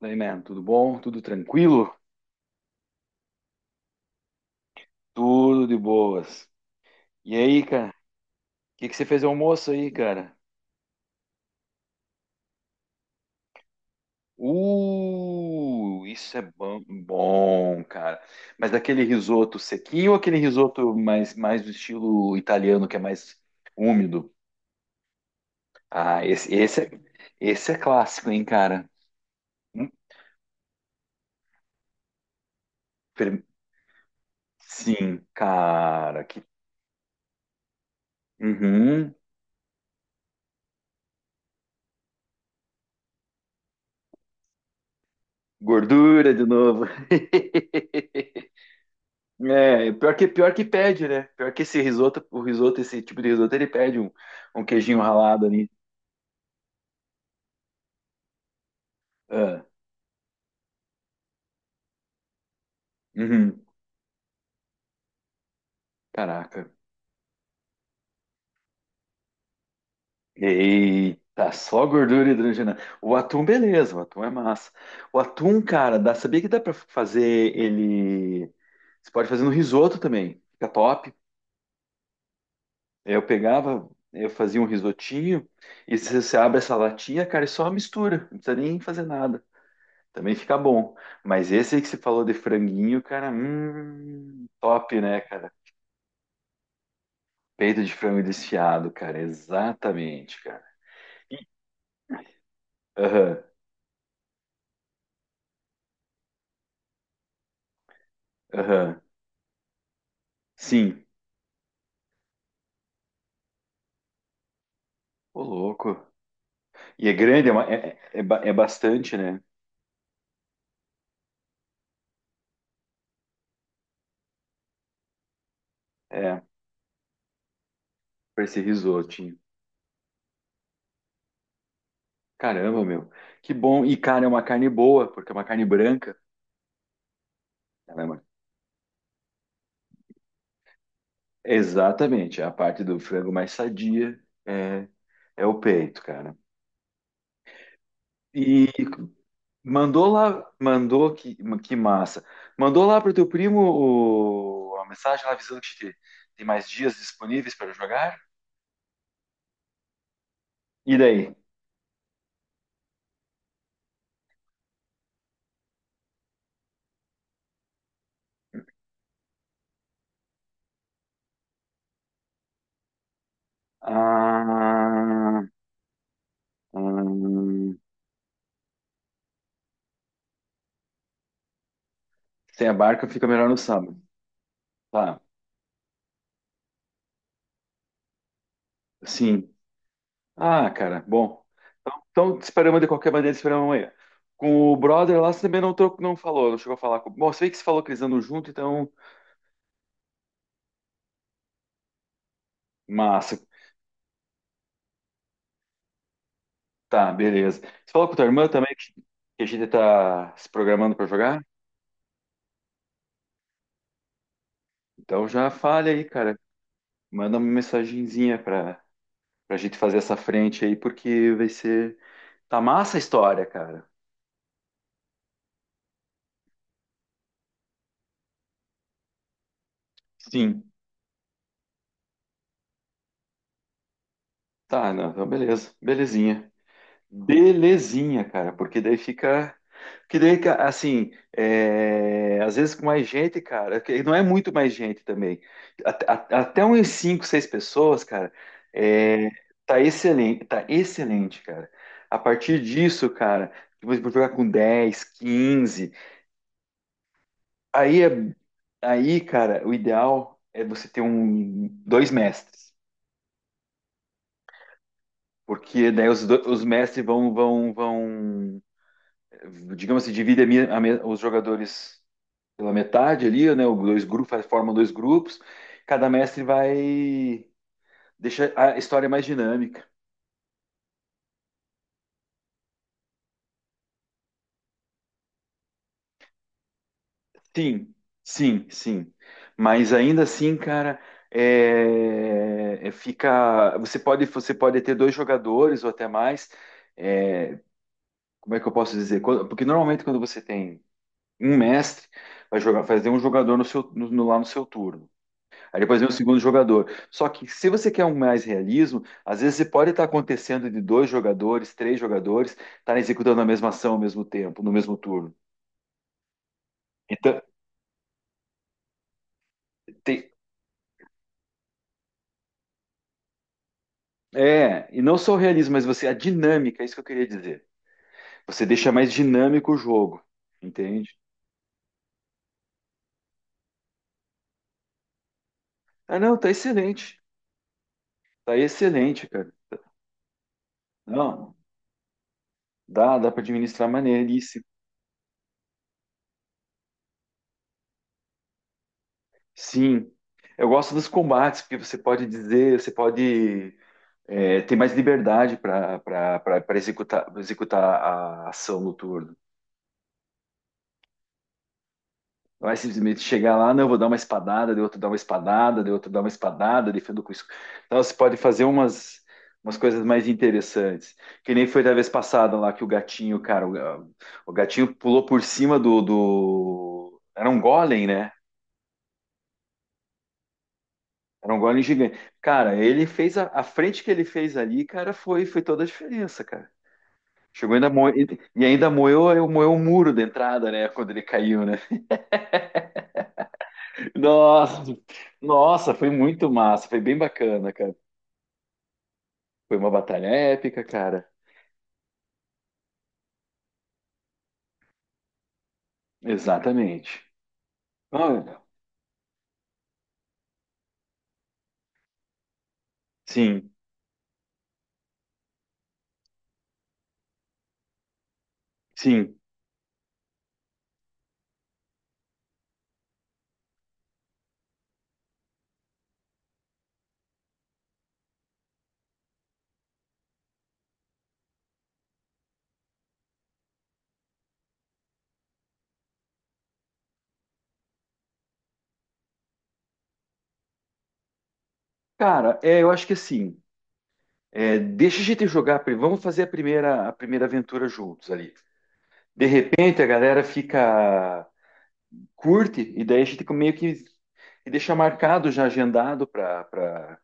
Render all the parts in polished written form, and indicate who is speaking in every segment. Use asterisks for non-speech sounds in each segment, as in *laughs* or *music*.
Speaker 1: Daí, man, tudo bom? Tudo tranquilo? Tudo de boas. E aí, cara? O que que você fez de almoço aí, cara? Isso é bom, bom, cara. Mas daquele risoto sequinho ou aquele risoto mais do estilo italiano, que é mais úmido? Ah, esse é clássico, hein, cara? Hum, fer- Sim, cara. Que... Uhum. Gordura de novo. *laughs* É, pior que pede, né? Pior que esse risoto, esse tipo de risoto, ele pede um queijinho ralado ali. Ah, uhum. Caraca. Eita, só gordura hidrogenada. O atum, beleza, o atum é massa. O atum, cara, dá, sabia que dá pra fazer ele. Você pode fazer no risoto também, fica top. Eu pegava, eu fazia um risotinho, e você abre essa latinha, cara, e só mistura, não precisa nem fazer nada. Também fica bom. Mas esse aí que você falou de franguinho, cara, top, né, cara? Peito de frango desfiado, cara, exatamente, cara. Aham, aham, sim. Ô, louco. E é grande, é bastante, né? É, pra esse risotinho. Caramba, meu. Que bom. E, cara, é uma carne boa, porque é uma carne branca. Ela é uma- Exatamente, é a parte do frango mais sadia é, é o peito, cara. E Mandou lá, mandou que massa. Mandou lá pro teu primo a mensagem lá avisando que tem mais dias disponíveis para jogar. E daí? Ah, hum, sem a barca fica melhor no sábado. Tá, sim. Ah, cara, bom. Então te esperamos de qualquer maneira, te esperamos amanhã. Com o brother lá, você também não, trocou, não falou, não chegou a falar com. Bom, você vê que você falou que eles andam junto, então. Massa. Tá, beleza. Você falou com tua irmã também que a gente tá se programando para jogar? Então já fale aí, cara. Manda uma mensagenzinha pra gente fazer essa frente aí, porque vai ser. Tá massa a história, cara. Sim. Tá, não, então beleza. Belezinha. Belezinha, cara, porque daí fica. Que daí, assim, é, às vezes com mais gente, cara, que não é muito mais gente também. Até uns 5, 6 pessoas, cara, é, tá excelente, cara. A partir disso, cara, depois vou jogar com 10, 15. Aí, é- aí, cara, o ideal é você ter um, dois mestres, porque daí os mestres vão, digamos assim, dividem a mi- a me- os jogadores pela metade ali, né? Os dois grupos, formam dois grupos. Cada mestre vai deixar a história mais dinâmica. Sim, sim, sim. Mas ainda assim, cara, fica. Você pode ter dois jogadores ou até mais. É, como é que eu posso dizer? Porque normalmente quando você tem um mestre, vai jogar, fazer um jogador no seu, no- no- lá no seu turno. Aí depois vem o segundo jogador. Só que se você quer um mais realismo, às vezes você pode estar acontecendo de dois jogadores, três jogadores, estar executando a mesma ação ao mesmo tempo, no mesmo turno. Então, tem, e não só o realismo, mas você, a dinâmica, é isso que eu queria dizer. Você deixa mais dinâmico o jogo, entende? Ah, não, tá excelente. Tá excelente, cara. Não, dá para administrar maneiríssimo. Sim, eu gosto dos combates, porque você pode dizer, você pode ter mais liberdade para executar a ação no turno. Não é simplesmente chegar lá, não, vou dar uma espadada, de outro dar uma espadada, de outro dar uma espadada, defendo com isso. Então você pode fazer umas coisas mais interessantes. Que nem foi da vez passada lá que o gatinho, cara, o gatinho pulou por cima do... Era um golem, né? Era um gole gigante. Cara, ele fez a frente que ele fez ali, cara, foi toda a diferença, cara. Chegou ainda mo- e ainda moeu o muro da entrada, né? Quando ele caiu, né? Nossa, nossa, foi muito massa, foi bem bacana, cara. Foi uma batalha épica, cara. Exatamente. Ah, sim, sim. Cara, eu acho que assim, deixa a gente jogar, vamos fazer a primeira aventura juntos ali. De repente a galera fica curte, e daí a gente meio que e deixa marcado já agendado para pra...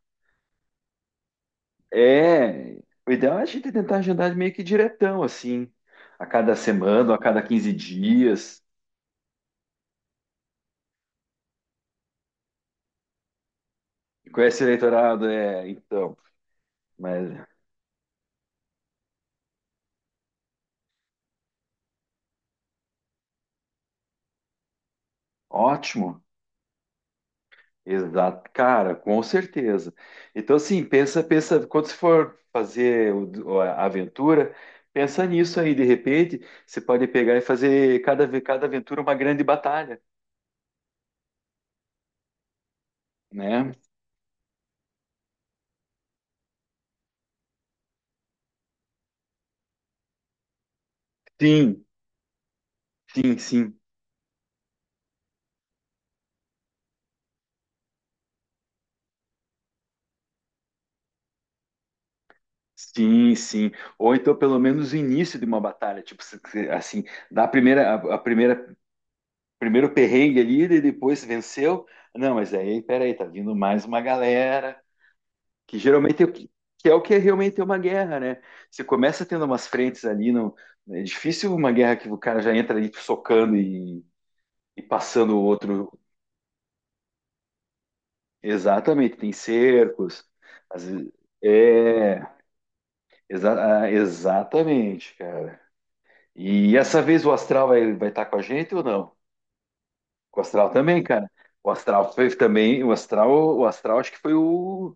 Speaker 1: É, o ideal é a gente tentar agendar meio que diretão, assim, a cada semana, ou a cada quinze dias. Com esse eleitorado, então, mas ótimo, exato, cara, com certeza. Então, assim, pensa, quando você for fazer a aventura, pensa nisso aí, de repente, você pode pegar e fazer cada aventura uma grande batalha, né? Sim, Sim, sim, sim, sim. Ou então, pelo menos, o início de uma batalha. Tipo, assim, da primeira, a primeira, primeiro perrengue ali, e depois venceu. Não, mas aí, peraí, tá vindo mais uma galera, que geralmente é o que, que é o que é realmente é uma guerra, né? Você começa tendo umas frentes ali, não, é difícil uma guerra que o cara já entra ali socando e passando o outro. Exatamente, tem cercos. Às vezes, é, exatamente, E essa vez o astral vai estar com a gente ou não? O astral também, cara. O astral foi também, o astral acho que foi o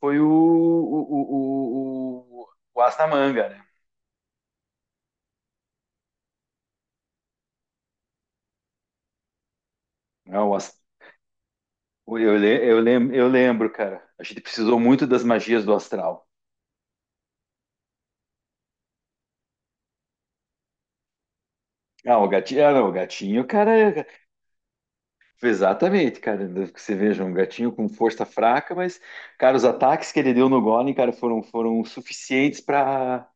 Speaker 1: foi o o, o, o, o as da manga, né? Não, eu lembro, cara. A gente precisou muito das magias do astral. Ah, o gatinho, ah, não, o gatinho, cara, exatamente, cara. Que você veja, um gatinho com força fraca, mas, cara, os ataques que ele deu no Golem, cara, foram suficientes para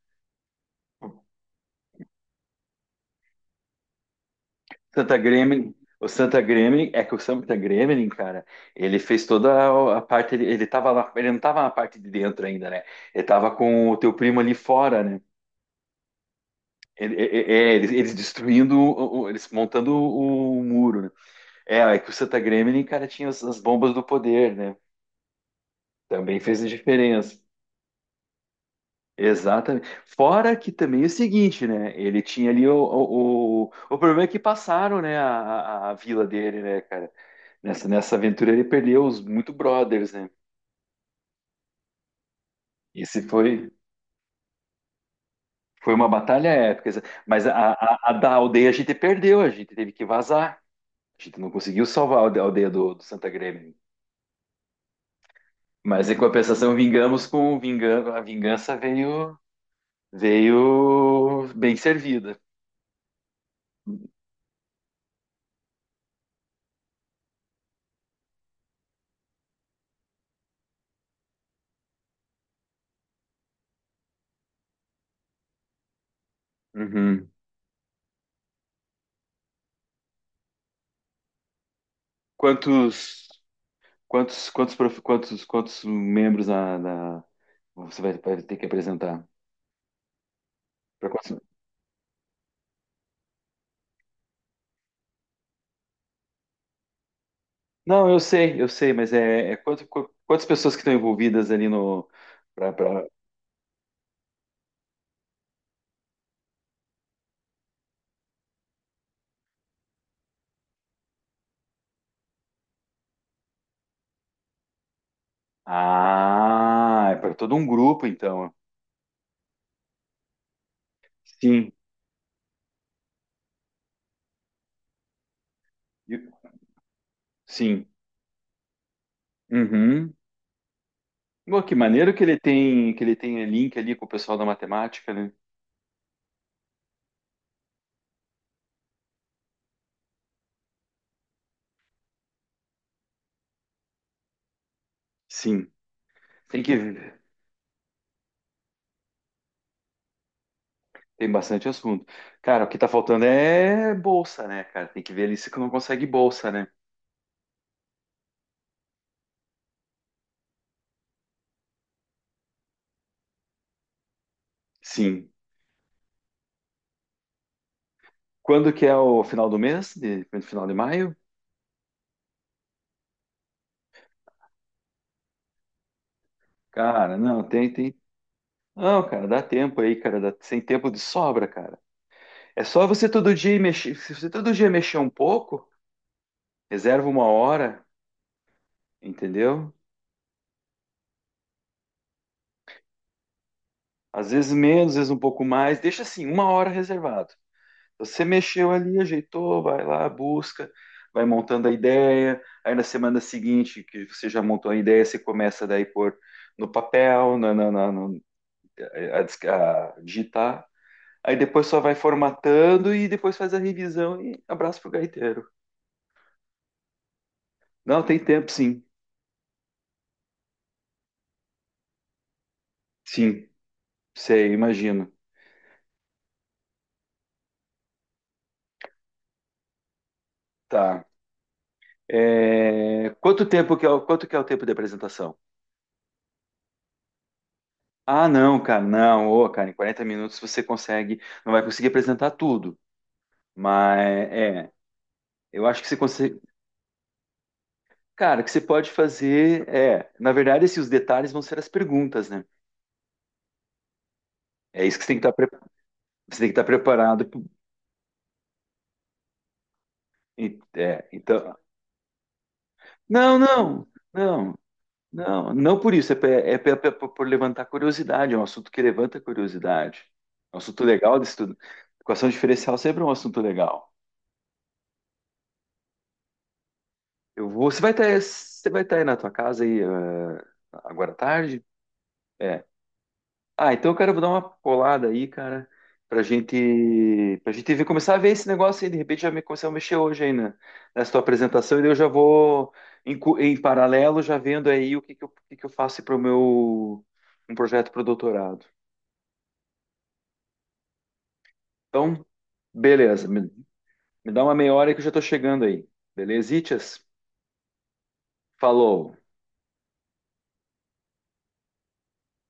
Speaker 1: Santa Gremlin, o Santa Gremlin, é que o Santa Gremlin, cara, ele fez toda a parte, ele tava lá, ele não tava na parte de dentro ainda, né? Ele tava com o teu primo ali fora, né? Eles destruindo, eles montando o muro, né? É, é que o Santa Gremlin, cara, tinha as bombas do poder, né? Também fez a diferença. Exatamente. Fora que também é o seguinte, né? Ele tinha ali o problema é que passaram, né, a vila dele, né, cara? Nessa aventura ele perdeu os muito brothers, né? Esse foi uma batalha épica. Mas a da aldeia a gente perdeu, a gente teve que vazar. A gente não conseguiu salvar a aldeia do Santa Grêmio. Mas em compensação, vingamos com vingança. A vingança veio, veio bem servida. Uhum. Quantos, quantos membros você vai ter que apresentar? Não, eu sei, mas quantas pessoas que estão envolvidas ali no. Pra... Ah, é para todo um grupo, então. Sim, e- sim. Uhum. Pô, que maneiro que ele tem link ali com o pessoal da matemática, né? Sim, tem que tem bastante assunto. Cara, o que tá faltando é bolsa, né, cara? Tem que ver ali se não consegue bolsa, né? Sim. Quando que é o final do mês? Final de maio? Cara, não, tem, tem Não, cara, dá tempo aí, cara, sem tempo de sobra, cara. É só você todo dia ir mexer, se você todo dia mexer um pouco, reserva uma hora, entendeu? Às vezes menos, às vezes um pouco mais, deixa assim, uma hora reservado. Você mexeu ali, ajeitou, vai lá, busca, vai montando a ideia, aí na semana seguinte que você já montou a ideia, você começa daí por no papel, a digitar, aí depois só vai formatando e depois faz a revisão e abraço pro gaiteiro. Não, tem tempo, sim. Sim, sei, imagino. Tá. É, Quanto tempo que é o... Quanto que é o tempo de apresentação? Ah, não, cara, não. Ô, cara, em 40 minutos você consegue... Não vai conseguir apresentar tudo. Mas, é... Eu acho que você consegue... Cara, o que você pode fazer é... Na verdade, assim, os detalhes vão ser as perguntas, né? É isso que você tem que estar preparado. É, então... Não, não, não. Não, não por isso, por levantar curiosidade, é um assunto que levanta curiosidade. É um assunto legal de estudar. Equação diferencial sempre é um assunto legal. Eu vou, você vai estar aí na tua casa aí, agora à tarde? É. Ah, então, cara, eu vou dar uma colada aí, cara, pra gente ver, começar a ver esse negócio aí, de repente já me começar a mexer hoje aí nessa tua apresentação, e daí eu já vou, em paralelo, já vendo aí o que que eu faço para o meu, um projeto para o doutorado. Então, beleza. Me dá uma meia hora que eu já tô chegando aí. Beleza, Itias? Falou.